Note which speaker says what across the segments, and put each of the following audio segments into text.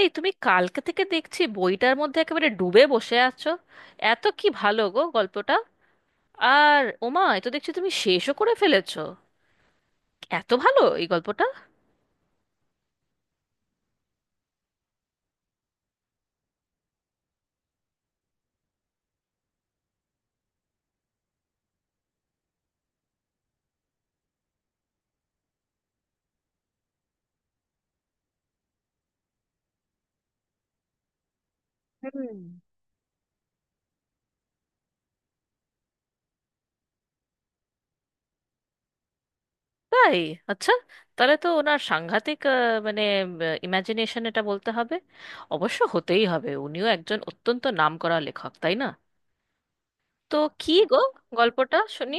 Speaker 1: এই তুমি কালকে থেকে দেখছি বইটার মধ্যে একেবারে ডুবে বসে আছো। এত কি ভালো গো গল্পটা! আর ওমা, এ তো দেখছি তুমি শেষও করে ফেলেছো। এত ভালো এই গল্পটা! হুম। তাই? আচ্ছা। তাহলে তো ওনার সাংঘাতিক মানে ইমাজিনেশন এটা বলতে হবে। অবশ্য হতেই হবে, উনিও একজন অত্যন্ত নামকরা লেখক, তাই না? তো কি গো, গল্পটা শুনি।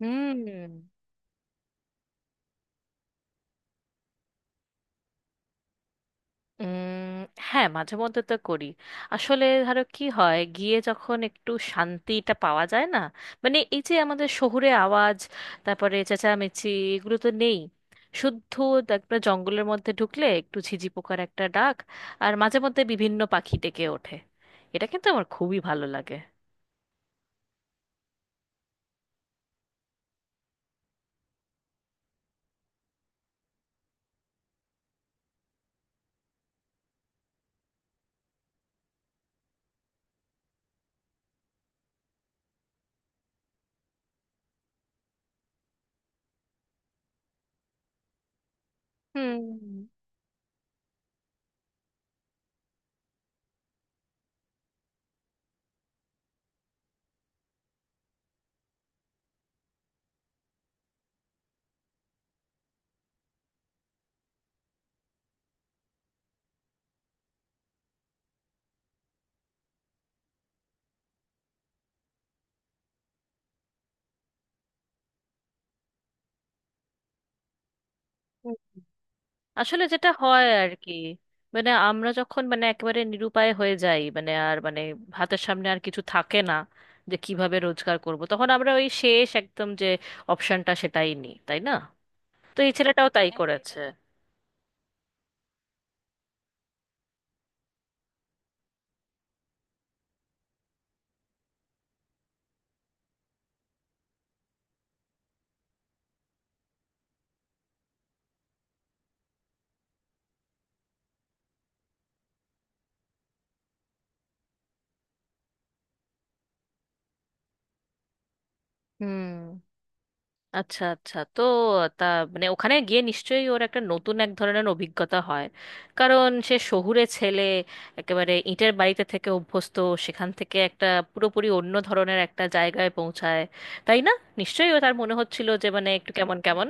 Speaker 1: হুম। উম, হ্যাঁ মাঝে মধ্যে তো করি। আসলে ধরো কি হয়, গিয়ে যখন একটু শান্তিটা পাওয়া যায় না, মানে এই যে আমাদের শহুরে আওয়াজ, তারপরে চেঁচামেচি, এগুলো তো নেই। শুদ্ধ একটা জঙ্গলের মধ্যে ঢুকলে একটু ঝিঝি পোকার একটা ডাক, আর মাঝে মধ্যে বিভিন্ন পাখি ডেকে ওঠে, এটা কিন্তু আমার খুবই ভালো লাগে। হুম। আসলে যেটা হয় আর কি, মানে আমরা যখন মানে একেবারে নিরুপায় হয়ে যাই, মানে আর মানে হাতের সামনে আর কিছু থাকে না যে কিভাবে রোজগার করব, তখন আমরা ওই শেষ একদম যে অপশনটা সেটাই নিই, তাই না? তো এই ছেলেটাও তাই করেছে। হুম। আচ্ছা আচ্ছা। তো তা মানে ওখানে গিয়ে নিশ্চয়ই ওর একটা নতুন এক ধরনের অভিজ্ঞতা হয়, কারণ সে শহুরে ছেলে, একেবারে ইটের বাড়িতে থেকে অভ্যস্ত। সেখান থেকে একটা পুরোপুরি অন্য ধরনের একটা জায়গায় পৌঁছায়, তাই না? নিশ্চয়ই ও তার মনে হচ্ছিল যে মানে একটু কেমন কেমন।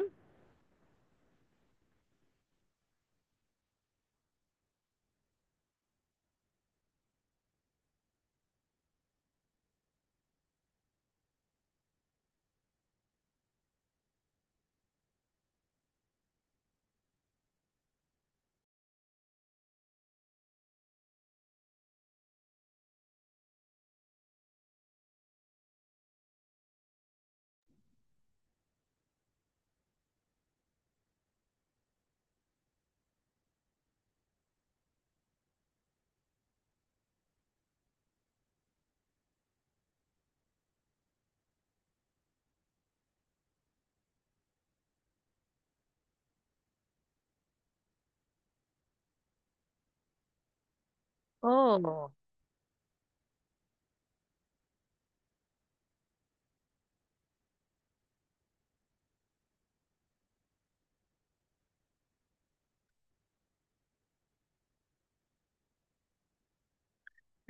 Speaker 1: ও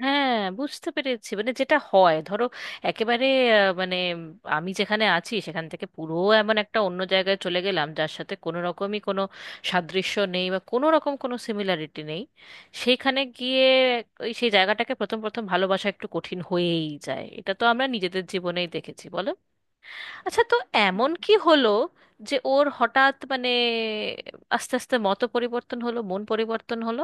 Speaker 1: হ্যাঁ, বুঝতে পেরেছি। মানে যেটা হয় ধরো, একেবারে মানে আমি যেখানে আছি সেখান থেকে পুরো এমন একটা অন্য জায়গায় চলে গেলাম যার সাথে কোনো রকমই কোনো সাদৃশ্য নেই বা কোনো রকম কোনো সিমিলারিটি নেই, সেইখানে গিয়ে ওই সেই জায়গাটাকে প্রথম প্রথম ভালোবাসা একটু কঠিন হয়েই যায়। এটা তো আমরা নিজেদের জীবনেই দেখেছি, বলো। আচ্ছা, তো এমন কি হলো যে ওর হঠাৎ মানে আস্তে আস্তে মত পরিবর্তন হলো, মন পরিবর্তন হলো?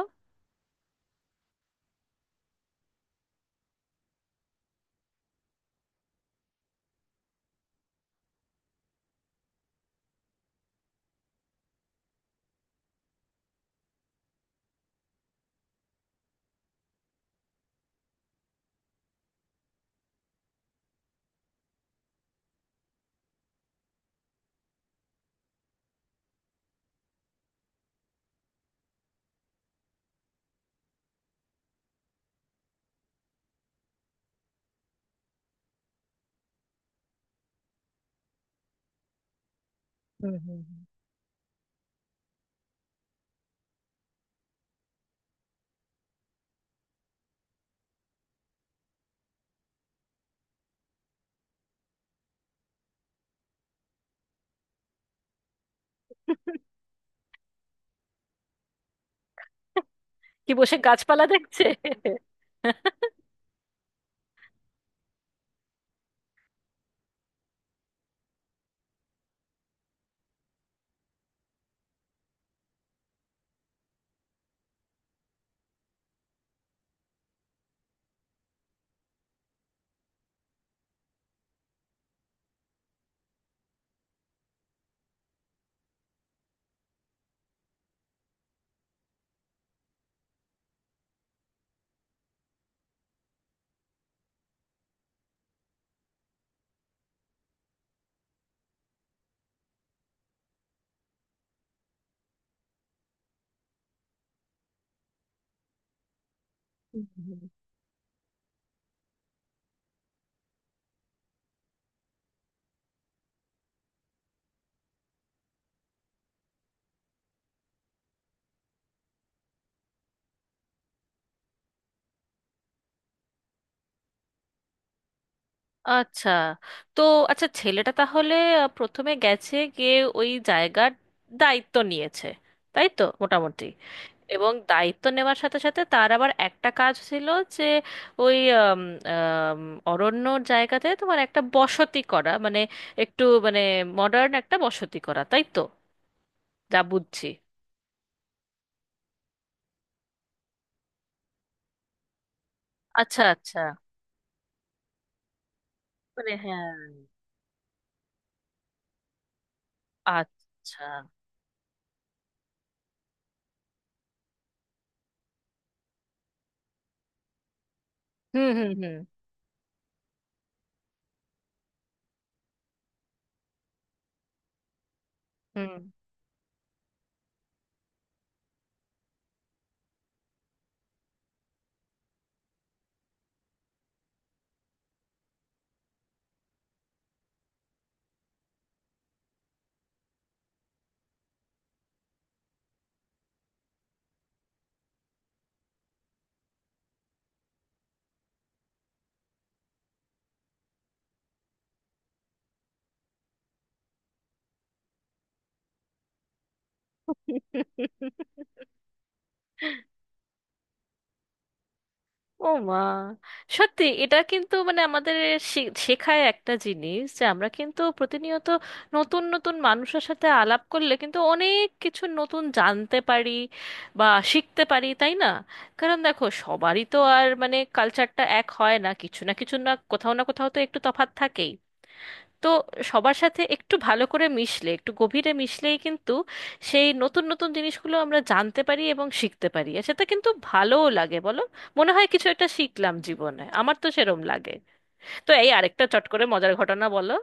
Speaker 1: হুম হুম হুম। কি, বসে গাছপালা দেখছে? হুম, হুম। আচ্ছা। তো আচ্ছা, ছেলেটা তাহলে প্রথমে গেছে, গিয়ে ওই জায়গার দায়িত্ব নিয়েছে, তাই তো মোটামুটি। এবং দায়িত্ব নেওয়ার সাথে সাথে তার আবার একটা কাজ ছিল যে ওই আম, আম, অরণ্যর জায়গাতে তোমার একটা বসতি করা, মানে একটু মানে মডার্ন একটা বসতি করা, তাই তো, যা বুঝছি। আচ্ছা আচ্ছা। মানে হ্যাঁ। আচ্ছা। হুম হুম হুম হুম। ও মা! সত্যি এটা কিন্তু মানে আমাদের শেখায় একটা জিনিস, যে আমরা কিন্তু প্রতিনিয়ত নতুন নতুন মানুষের সাথে আলাপ করলে কিন্তু অনেক কিছু নতুন জানতে পারি বা শিখতে পারি, তাই না? কারণ দেখো সবারই তো আর মানে কালচারটা এক হয় না, কিছু না কিছু না, কোথাও না কোথাও তো একটু তফাৎ থাকেই। তো সবার সাথে একটু ভালো করে মিশলে, একটু গভীরে মিশলেই কিন্তু সেই নতুন নতুন জিনিসগুলো আমরা জানতে পারি এবং শিখতে পারি, আর সেটা কিন্তু ভালোও লাগে, বলো। মনে হয় কিছু একটা শিখলাম জীবনে, আমার তো সেরম লাগে। তো এই আরেকটা চট করে মজার ঘটনা বলো।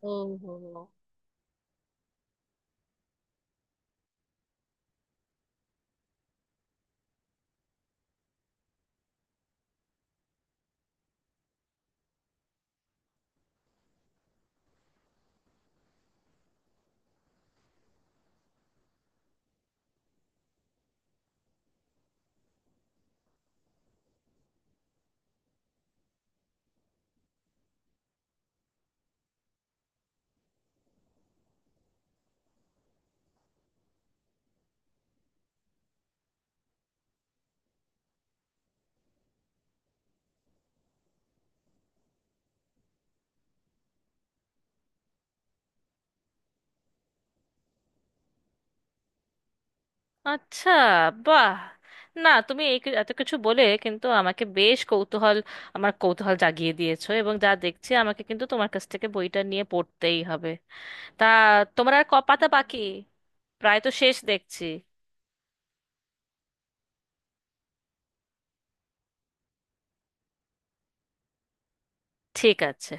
Speaker 1: হুম হুম। আচ্ছা, বাহ! না তুমি এই এত কিছু বলে কিন্তু আমাকে বেশ কৌতূহল, আমার কৌতূহল জাগিয়ে দিয়েছো, এবং যা দেখছি আমাকে কিন্তু তোমার কাছ থেকে বইটা নিয়ে পড়তেই হবে। তা তোমরা আর ক পাতা বাকি? প্রায় তো শেষ দেখছি। ঠিক আছে।